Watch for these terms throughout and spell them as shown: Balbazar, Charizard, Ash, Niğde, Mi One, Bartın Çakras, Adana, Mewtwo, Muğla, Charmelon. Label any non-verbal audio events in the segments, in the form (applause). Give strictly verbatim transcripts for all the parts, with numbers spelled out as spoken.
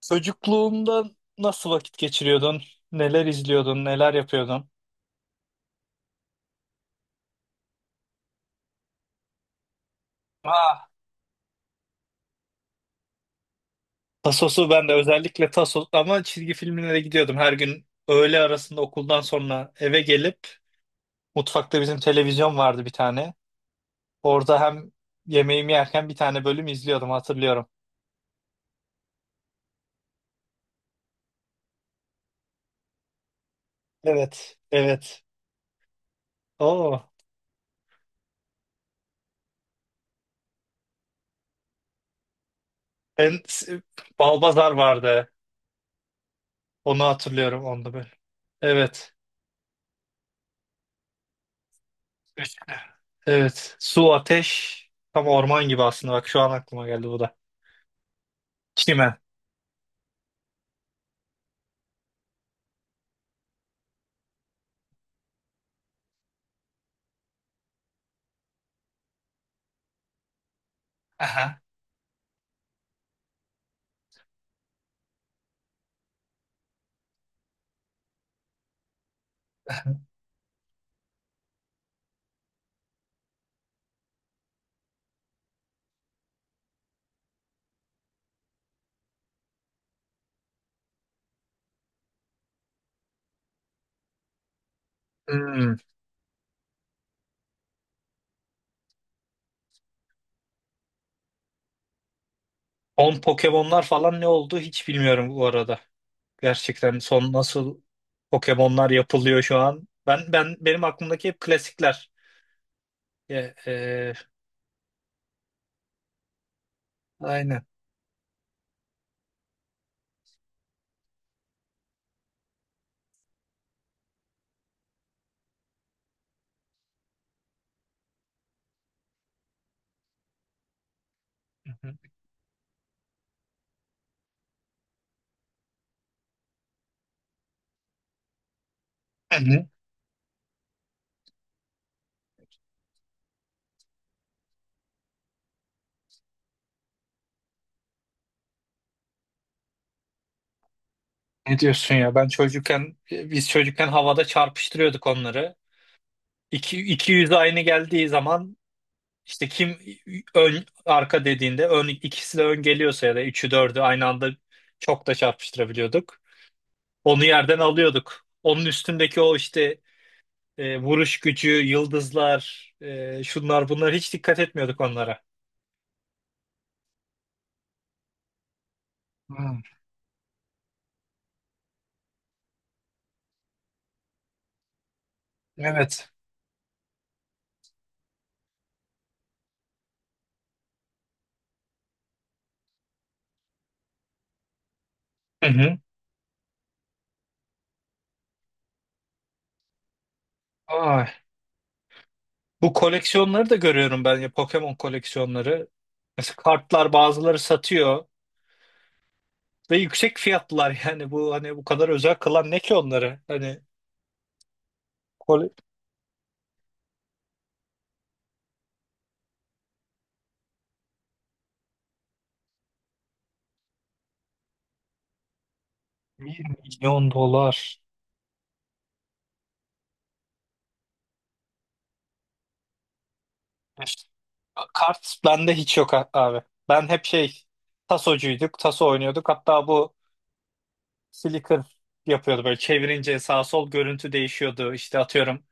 Çocukluğunda nasıl vakit geçiriyordun? Neler izliyordun? Neler yapıyordun? Ah, Tasos'u ben de özellikle Tasos ama çizgi filmlere gidiyordum. Her gün öğle arasında okuldan sonra eve gelip mutfakta bizim televizyon vardı bir tane. Orada hem yemeğimi yerken bir tane bölüm izliyordum hatırlıyorum. Evet, evet. Oo. Ben Balbazar vardı. Onu hatırlıyorum onda böyle. Evet. Üçlü. Evet. Su, ateş. Tam orman gibi aslında. Bak şu an aklıma geldi bu da. Çimen. Aha. Hmm. Son Pokemon'lar falan ne oldu hiç bilmiyorum bu arada. Gerçekten son nasıl Pokemon'lar yapılıyor şu an. Ben ben benim aklımdaki hep klasikler. E, e, aynen. Hı hı. Hı. Ne diyorsun ya? Ben çocukken biz çocukken havada çarpıştırıyorduk onları. İki, iki yüz aynı geldiği zaman, İşte kim ön arka dediğinde ön ikisi de ön geliyorsa ya da üçü dördü aynı anda çok da çarpıştırabiliyorduk. Onu yerden alıyorduk. Onun üstündeki o işte e, vuruş gücü, yıldızlar, e, şunlar bunlar hiç dikkat etmiyorduk onlara. Hmm, evet. Hı hı. Ay. Bu koleksiyonları da görüyorum ben ya, Pokemon koleksiyonları. Mesela kartlar, bazıları satıyor ve yüksek fiyatlılar, yani bu, hani bu kadar özel kılan ne ki onları? Hani kole... bir milyon dolar milyon dolar. İşte, kart bende hiç yok, a- abi. Ben hep şey, tasocuyduk, taso oynuyorduk. Hatta bu flicker yapıyordu, böyle çevirince sağ sol görüntü değişiyordu. İşte atıyorum,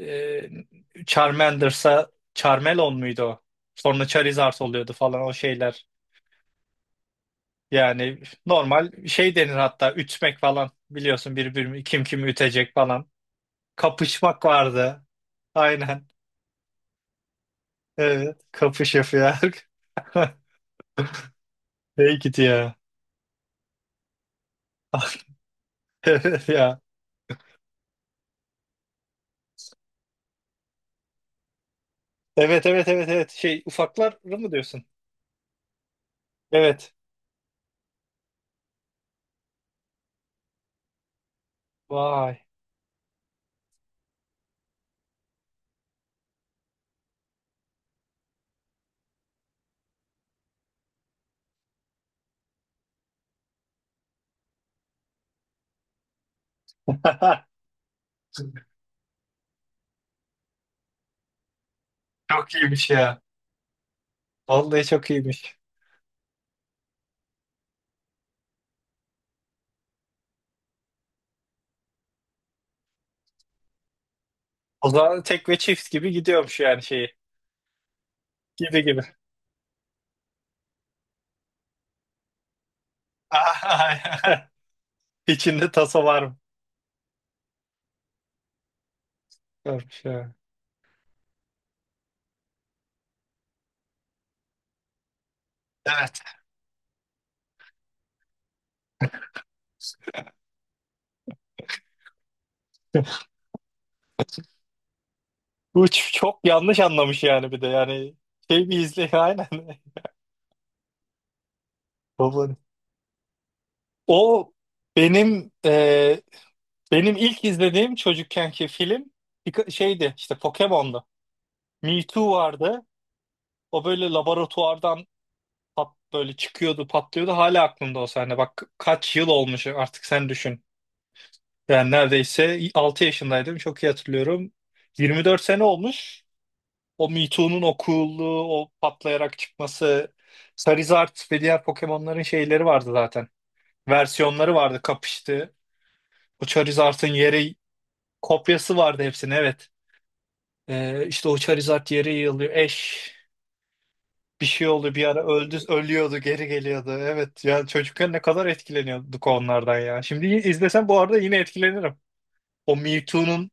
e, Charmander'sa Charmelon muydu o? Sonra Charizard oluyordu falan o şeyler. Yani normal şey denir, hatta ütmek falan biliyorsun, birbirini kim kimi ütecek falan. Kapışmak vardı. Aynen. Evet, kapış yapıyor. (laughs) Hey git ya. Evet ya. Evet evet evet evet. Şey, ufakları mı diyorsun? Evet. Vay. (laughs) Çok iyiymiş ya. Vallahi çok iyiymiş. O zaman tek ve çift gibi gidiyormuş yani şeyi. Gibi gibi. (laughs) İçinde taso var mı? Varmış ya. Evet. (laughs) Bu ç- çok yanlış anlamış yani, bir de yani şey bir izle (laughs) aynen. Babanın. O benim e, benim ilk izlediğim çocukkenki film birka- şeydi işte, Pokemon'du. Mewtwo vardı. O böyle laboratuvardan pat, böyle çıkıyordu, patlıyordu. Hala aklımda o sahne. Bak kaç yıl olmuş artık, sen düşün. Yani neredeyse altı yaşındaydım. Çok iyi hatırlıyorum. yirmi dört sene olmuş. O Me Too'nun o cool'luğu, o patlayarak çıkması. Charizard ve diğer Pokemon'ların şeyleri vardı zaten. Versiyonları vardı, kapıştı. O Charizard'ın yeri, kopyası vardı hepsinin, evet. Ee, işte o Charizard yeri yığılıyor. Ash bir şey oldu, bir ara öldü, ölüyordu, geri geliyordu. Evet ya, çocukken ne kadar etkileniyorduk onlardan ya. Şimdi y- izlesem bu arada yine etkilenirim. O Me Too'nun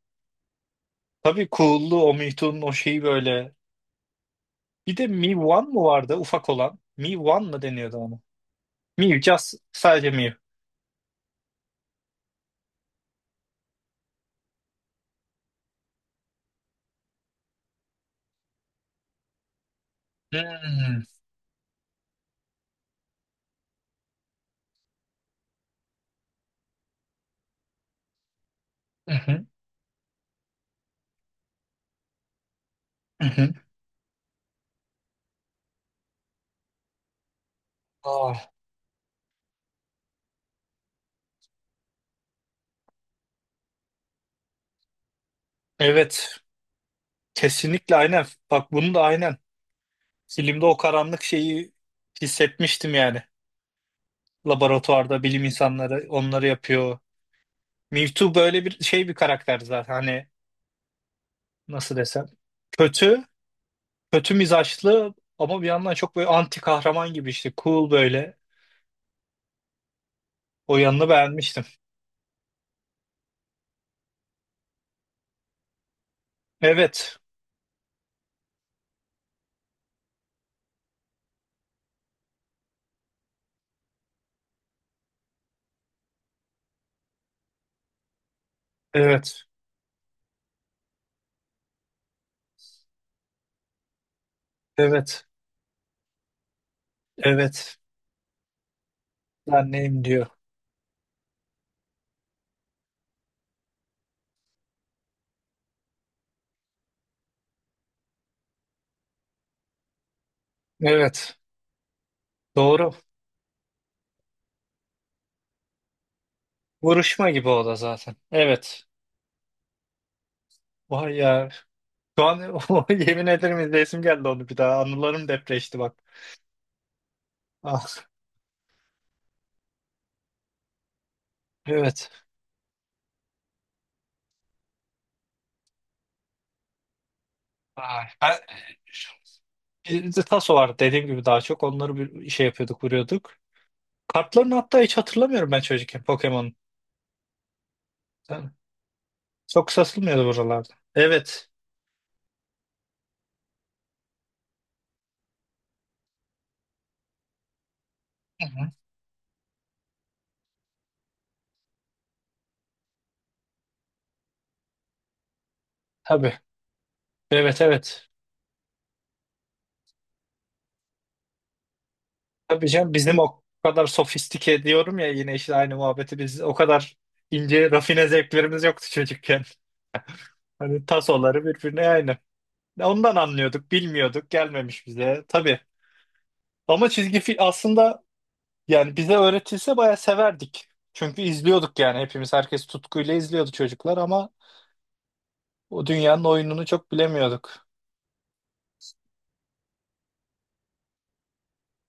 tabii cool'luğu, o Me Too'nun o şeyi böyle. Bir de Mi One mu vardı ufak olan? Mi One mı deniyordu ona? Mi Just, sadece Mi. Hmm. Hı hı, hı hı. Aa, evet, kesinlikle aynen. Bak bunu da aynen. Filmde o karanlık şeyi hissetmiştim yani. Laboratuvarda bilim insanları onları yapıyor. Mewtwo böyle bir şey, bir karakter zaten, hani nasıl desem, kötü, kötü mizaçlı ama bir yandan çok böyle anti kahraman gibi işte, cool böyle, o yanını beğenmiştim. Evet, evet, evet, evet, ben neyim diyor. Evet, doğru, vuruşma gibi o da zaten, evet. Vay ya, şu an (laughs) o, yemin ederim izleyesim geldi onu bir daha, anılarım depreşti bak. Ah, evet. Ay. ben- Bizde taso var dediğim gibi, daha çok onları bir şey yapıyorduk, vuruyorduk. Kartlarını hatta hiç hatırlamıyorum ben çocukken Pokemon'un. Yani çok satılmıyordu buralarda. Evet. Hı hı. Tabii. Evet evet. Tabii canım, bizim o kadar sofistike diyorum ya, yine işte aynı muhabbeti, biz o kadar ince rafine zevklerimiz yoktu çocukken. Hani tasoları birbirine aynı. Ondan anlıyorduk, bilmiyorduk, gelmemiş bize. Tabii. Ama çizgi film aslında, yani bize öğretilse bayağı severdik. Çünkü izliyorduk yani, hepimiz, herkes tutkuyla izliyordu çocuklar ama o dünyanın oyununu çok bilemiyorduk.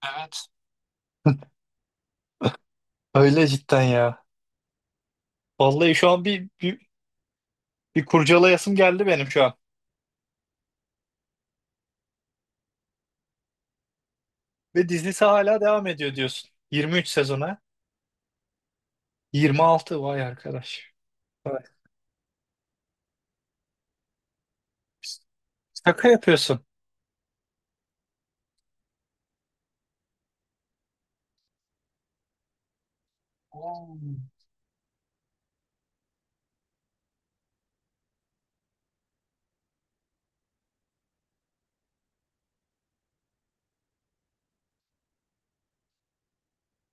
Evet. Öyle cidden ya. Vallahi şu an bir, bir, bir kurcalayasım geldi benim şu an. Ve dizisi hala devam ediyor diyorsun. yirmi üç sezona. yirmi altı, vay arkadaş. Vay. Şaka yapıyorsun. Oo.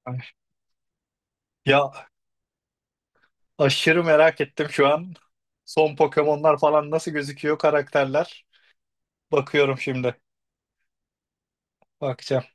Ay. Ya aşırı merak ettim şu an. Son Pokemon'lar falan nasıl gözüküyor karakterler. Bakıyorum şimdi. Bakacağım.